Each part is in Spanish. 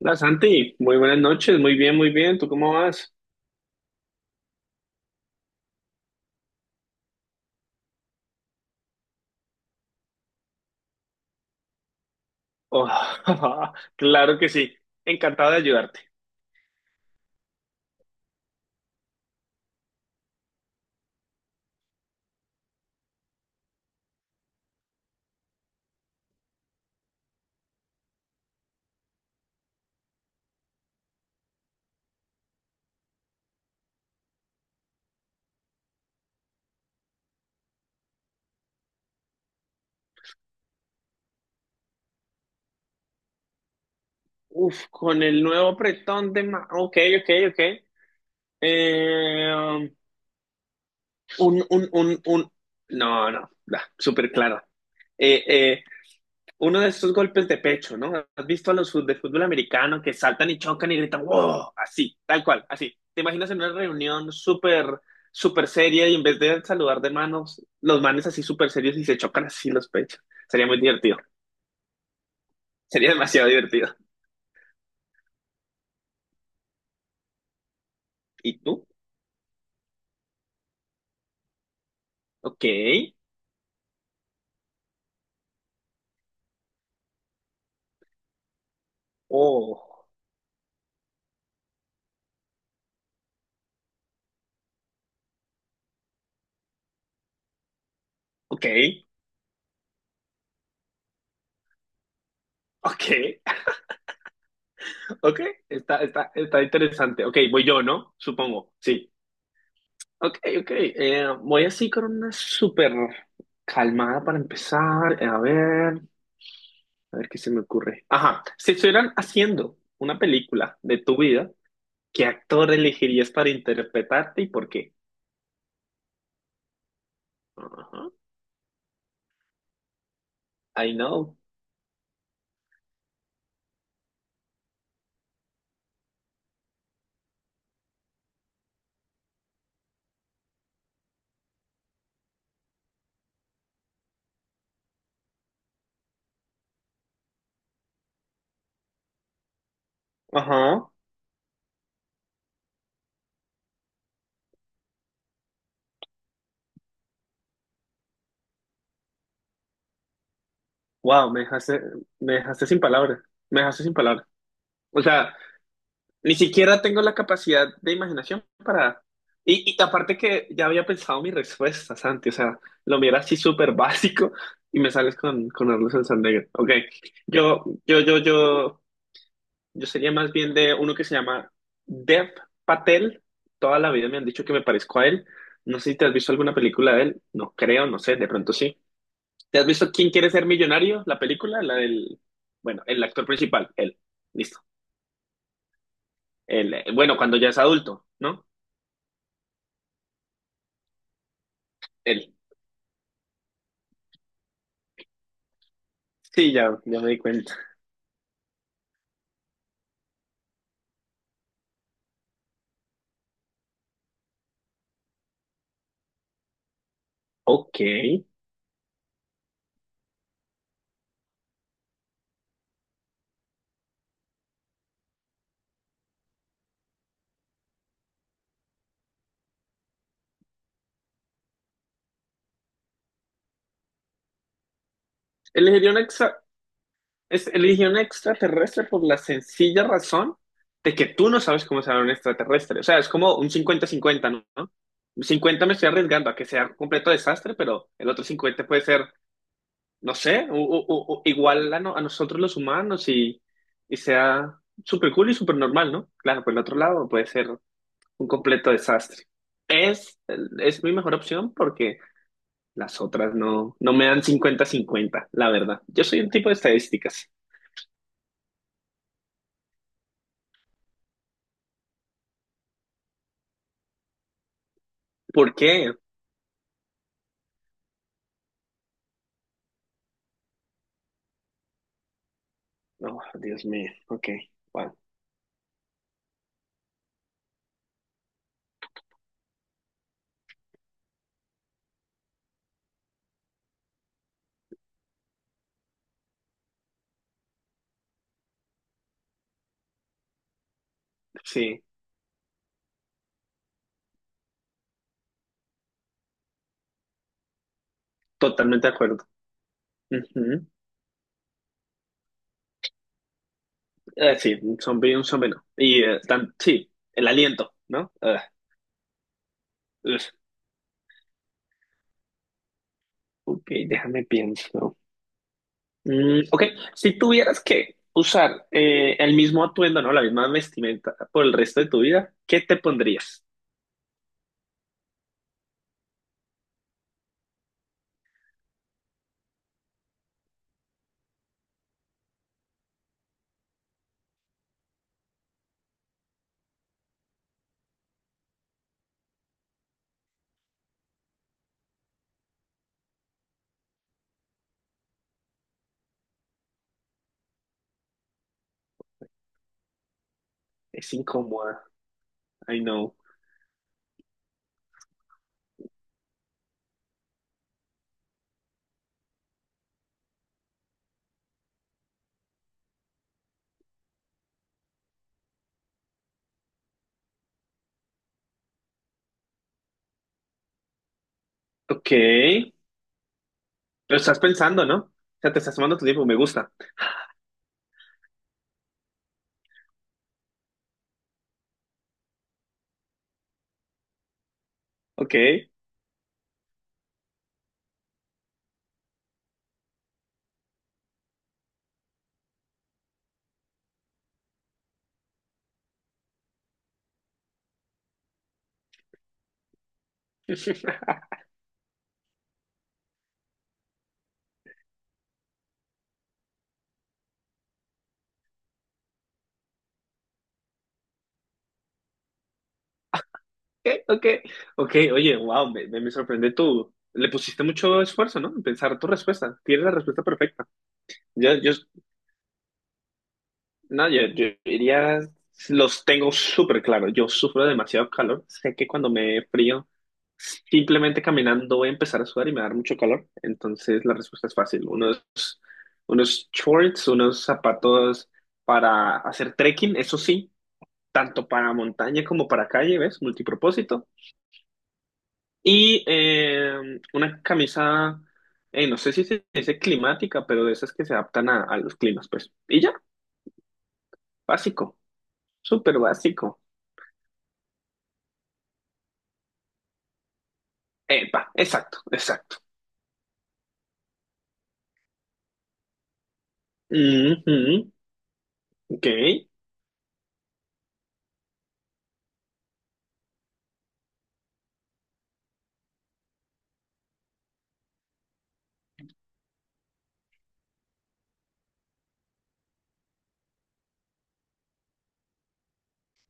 Hola Santi, muy buenas noches, muy bien, ¿tú cómo vas? Oh, claro que sí, encantado de ayudarte. Uf, con el nuevo apretón de... Ok, ok, ok. Eh, um, un, un, un, un... No, no, da, súper claro. Eh, eh, uno de esos golpes de pecho, ¿no? ¿Has visto a los de fútbol americano que saltan y chocan y gritan, wow, así, tal cual, así? ¿Te imaginas en una reunión súper, súper seria y en vez de saludar de manos, los manes así súper serios y se chocan así los pechos? Sería muy divertido, sería demasiado divertido. ¿Y tú? Ok, oh, ok, ok, ok, está, está, está interesante. Ok, voy yo, ¿no? Supongo, sí. Ok, ok. Voy así con una súper calmada para empezar. A ver qué se me ocurre. Ajá, si estuvieran haciendo una película de tu vida, ¿qué actor elegirías para interpretarte y por qué? Ajá, I know. Ajá. Wow, me dejaste sin palabras. Me dejaste sin palabras. O sea, ni siquiera tengo la capacidad de imaginación para... Y, y aparte que ya había pensado mi respuesta, Santi, o sea, lo mío así súper básico y me sales con Ernesto Santander. Ok, yo, yo, yo, yo, yo sería más bien de uno que se llama Dev Patel. Toda la vida me han dicho que me parezco a él. No sé si te has visto alguna película de él, no creo, no sé, de pronto sí. ¿Te has visto Quién quiere ser millonario? La película, la del, bueno, el actor principal, él, listo. Él, bueno, cuando ya es adulto, ¿no? Él. Sí, ya, ya me di cuenta. Ok. Elegiría un extra, es- eligió un extraterrestre por la sencilla razón de que tú no sabes cómo será un extraterrestre. O sea, es como un cincuenta cincuenta, ¿no? ¿No? 50, me estoy arriesgando a que sea un completo desastre, pero el otro 50 puede ser, no sé, igual a, a nosotros los humanos y sea súper cool y súper normal, ¿no? Claro, por el otro lado puede ser un completo desastre. Es, es mi mejor opción porque las otras no, no me dan cincuenta cincuenta la verdad. Yo soy un tipo de estadísticas. ¿Por qué? Oh, Dios mío. Ok. Bueno, sí, totalmente de acuerdo. Ujú. Sí, un zombie y un zombie no. Y sí, el aliento, ¿no? Ah, ugh. Ok, déjame pienso. Mm, ok, si tuvieras que usar el mismo atuendo, ¿no? La misma vestimenta por el resto de tu vida, ¿qué te pondrías? Es incómoda, I know. Ok, lo estás pensando, ¿no? O sea, te estás tomando tu tiempo, me gusta. Ok. Ok, ok. Ok, oye, wow, me sorprende tú. Le pusiste mucho esfuerzo, ¿no? En pensar tu respuesta. Tienes la respuesta perfecta. Yo, yo, no, yo diría, los tengo súper claro. Yo sufro demasiado calor. Sé que cuando me frío, simplemente caminando voy a empezar a sudar y me va a dar mucho calor. Entonces la respuesta es fácil. Unos shorts, unos zapatos para hacer trekking, eso sí tanto para montaña como para calle, ¿ves? Multipropósito. Y una camisa, no sé si se dice climática, pero de esas que se adaptan a los climas, pues. Y ya, básico, súper básico. Epa, exacto, exacto. Ujú, ok,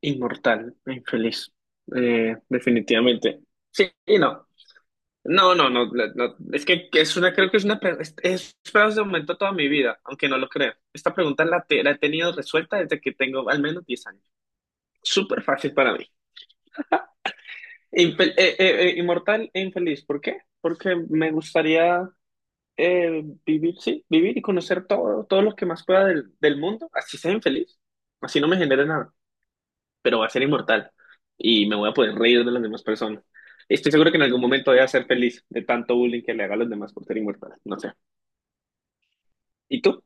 inmortal, infeliz, definitivamente. Sí, y no. No, no, no, es que es una, creo que es una, pre- es fraude de momento toda mi vida, aunque no lo crea. Esta pregunta la, te- la he tenido resuelta desde que tengo al menos 10 años. Súper fácil para mí. Inmortal e infeliz, ¿por qué? Porque me gustaría vivir, sí, vivir y conocer todo, todos los que más pueda del, del mundo, así sea infeliz, así no me genere nada, pero va a ser inmortal y me voy a poder reír de las demás personas. Estoy seguro que en algún momento voy a ser feliz de tanto bullying que le haga a los demás por ser inmortal, no sé. ¿Y tú?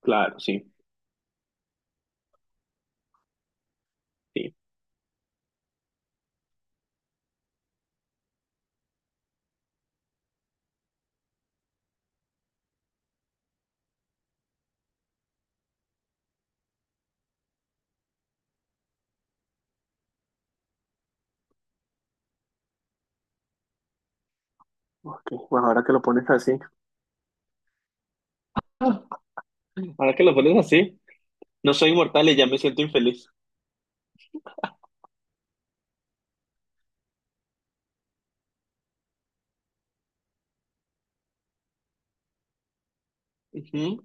Claro, sí, sí. Ok, bueno, ahora que lo pones así. Ahora que lo pones así, no soy inmortal y ya me siento infeliz. Ujú.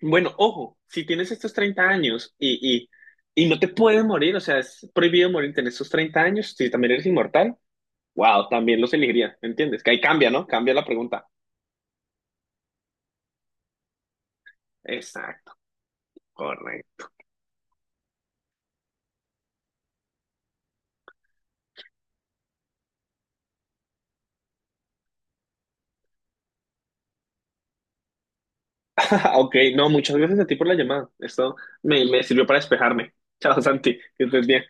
Bueno, ojo, si tienes estos 30 años y no te puedes morir, o sea, es prohibido morirte en estos 30 años, si también eres inmortal, wow, también los elegiría, ¿me entiendes? Que ahí cambia, ¿no? Cambia la pregunta. Exacto, correcto. Ok, no, muchas gracias a ti por la llamada. Esto me, me sirvió para despejarme. Chao, Santi, que estés bien.